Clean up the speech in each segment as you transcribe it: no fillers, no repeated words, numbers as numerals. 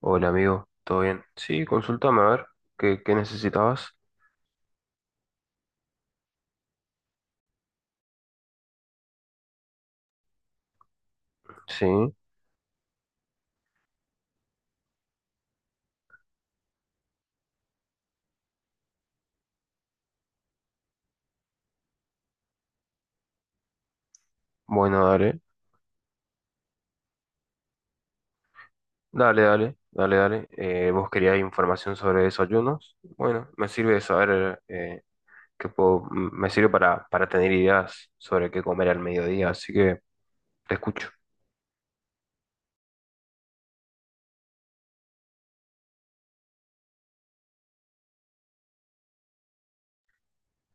Hola amigo, ¿todo bien? Sí, consultame a ver, ¿qué necesitabas? Sí, bueno, dale, dale, dale, dale, dale. ¿Vos querías información sobre desayunos? Bueno, me sirve saber qué puedo, me sirve para tener ideas sobre qué comer al mediodía, así que te escucho,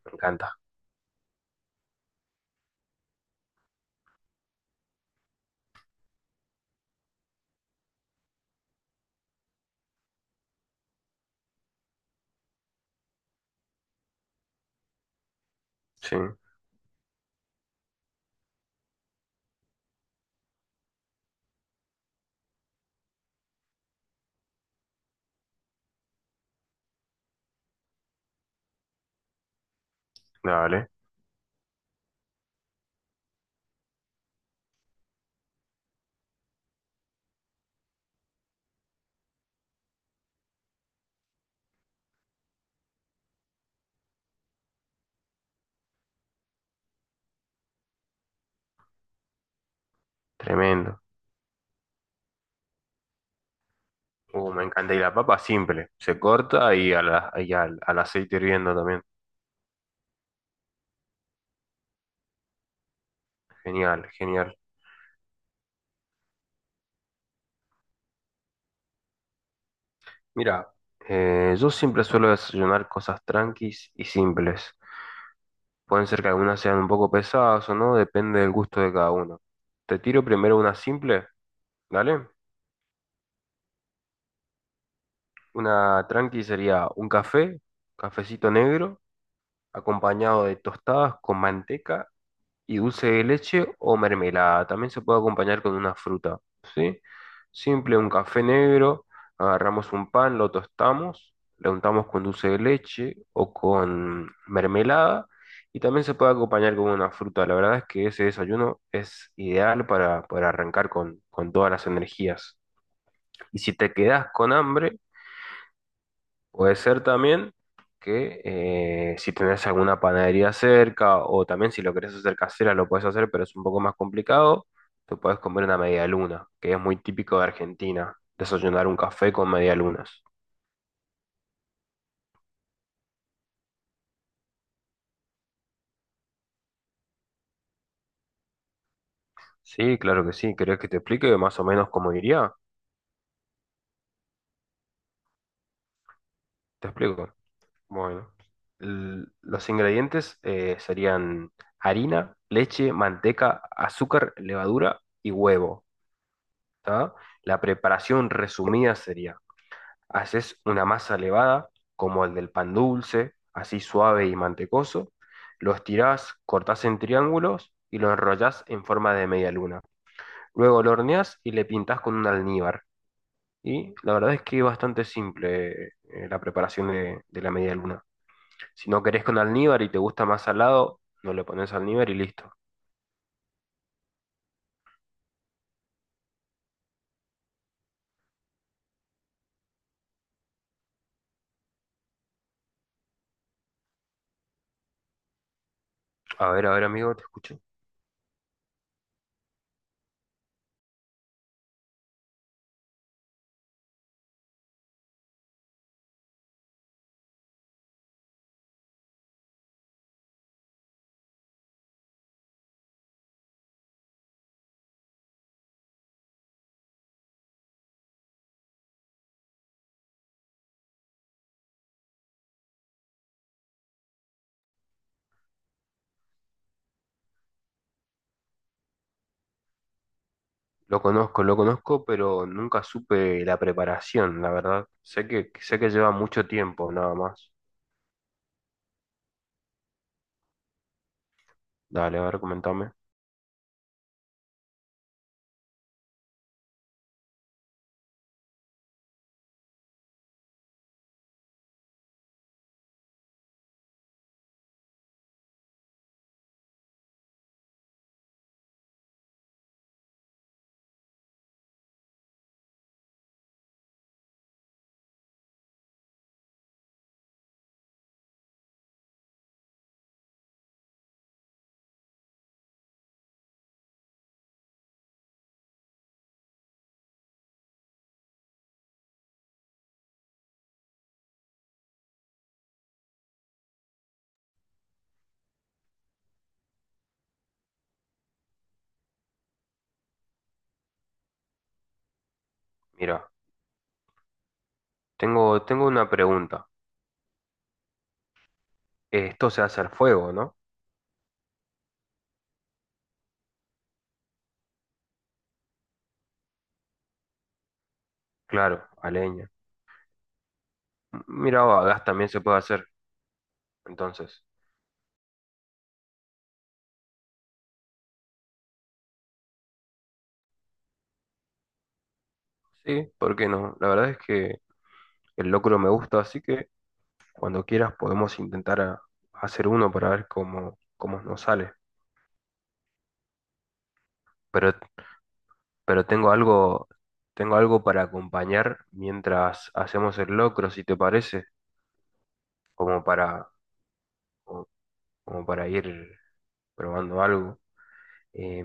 me encanta. Sí, dale, tremendo. Me encanta. Y la papa simple, se corta y, a la, y al, al aceite hirviendo también. Genial, genial. Mira, yo siempre suelo desayunar cosas tranquis y simples. Pueden ser que algunas sean un poco pesadas o no, depende del gusto de cada uno. Te tiro primero una simple, ¿dale? Una tranqui sería un café, cafecito negro, acompañado de tostadas con manteca y dulce de leche o mermelada. También se puede acompañar con una fruta, ¿sí? Simple, un café negro, agarramos un pan, lo tostamos, le untamos con dulce de leche o con mermelada y también se puede acompañar con una fruta. La verdad es que ese desayuno es ideal para arrancar con todas las energías. Y si te quedas con hambre, puede ser también que si tenés alguna panadería cerca o también si lo querés hacer casera lo puedes hacer, pero es un poco más complicado. Te puedes comer una media luna, que es muy típico de Argentina, desayunar un café con media lunas. Sí, claro que sí. ¿Querés que te explique más o menos cómo iría? Te explico. Bueno, los ingredientes serían harina, leche, manteca, azúcar, levadura y huevo. ¿Tá? La preparación resumida sería: haces una masa elevada, como el del pan dulce, así suave y mantecoso. Lo estirás, cortás en triángulos y lo enrollás en forma de media luna. Luego lo horneás y le pintás con un almíbar. Y la verdad es que es bastante simple la preparación de la media luna. Si no querés con almíbar y te gusta más salado, no le pones almíbar y listo. A ver, amigo, te escucho. Lo conozco, pero nunca supe la preparación, la verdad. Sé que lleva mucho tiempo, nada más. Dale, a ver, comentame. Mira, tengo una pregunta. Esto se hace al fuego, ¿no? Claro, a leña. Mira, o a gas también se puede hacer. Entonces, sí, ¿por qué no? La verdad es que el locro me gusta, así que cuando quieras podemos intentar hacer uno para ver cómo, cómo nos sale. Pero, pero tengo algo, tengo algo para acompañar mientras hacemos el locro, si te parece, como para, como como para ir probando algo.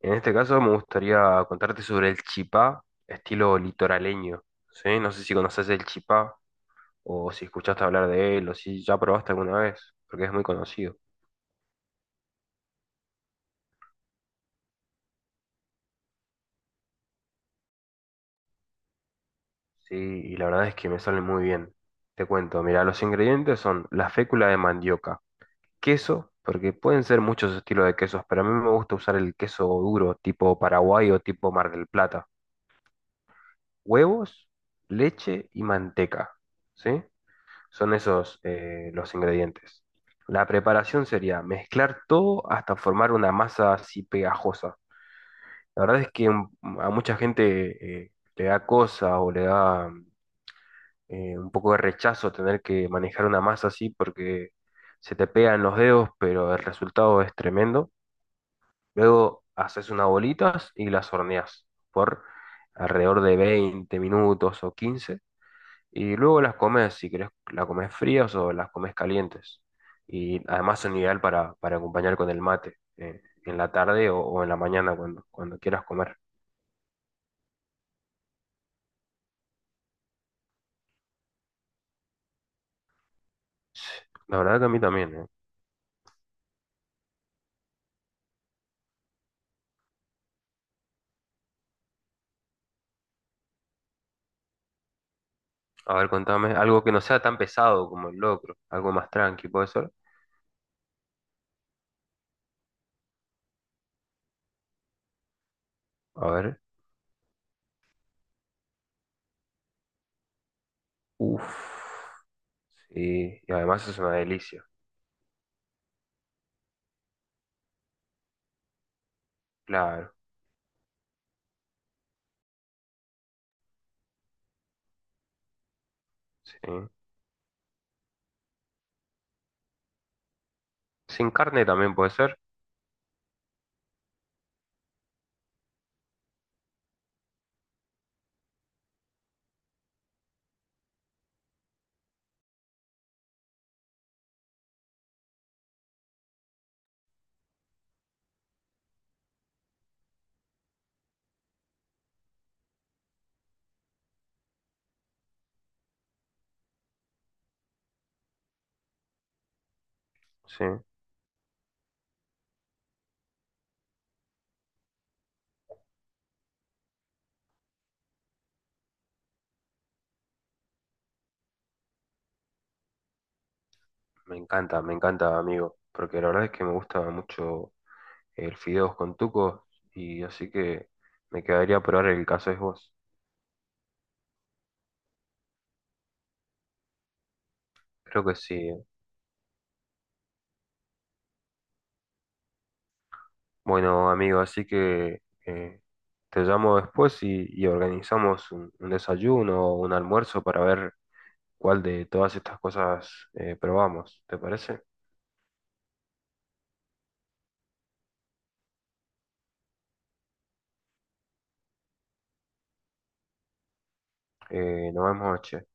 En este caso me gustaría contarte sobre el chipá, estilo litoraleño, ¿sí? No sé si conoces el chipá o si escuchaste hablar de él o si ya probaste alguna vez, porque es muy conocido, ¿sí? Y la verdad es que me sale muy bien. Te cuento, mira, los ingredientes son la fécula de mandioca, queso, porque pueden ser muchos estilos de quesos, pero a mí me gusta usar el queso duro, tipo Paraguay o tipo Mar del Plata, huevos, leche y manteca, ¿sí? Son esos los ingredientes. La preparación sería mezclar todo hasta formar una masa así pegajosa. La verdad es que a mucha gente le da cosa o le da un poco de rechazo tener que manejar una masa así porque se te pegan los dedos, pero el resultado es tremendo. Luego haces unas bolitas y las horneas por alrededor de 20 minutos o 15 y luego las comes, si querés, las comes frías o las comes calientes. Y además son ideal para acompañar con el mate, en la tarde o en la mañana cuando, cuando quieras comer. Sí, la verdad que a mí también, eh. A ver, contame, algo que no sea tan pesado como el locro, algo más tranqui, ¿puede ser? A ver, uff, sí, y además es una delicia, claro, sí. Sin carne también puede ser, sí. Me encanta, amigo, porque la verdad es que me gusta mucho el Fideos con Tuco, y así que me quedaría a probar el caso es vos. Creo que sí. Eh. Bueno, amigo, así que te llamo después y organizamos un desayuno o un almuerzo para ver cuál de todas estas cosas probamos. ¿Te parece? Nos vemos, che.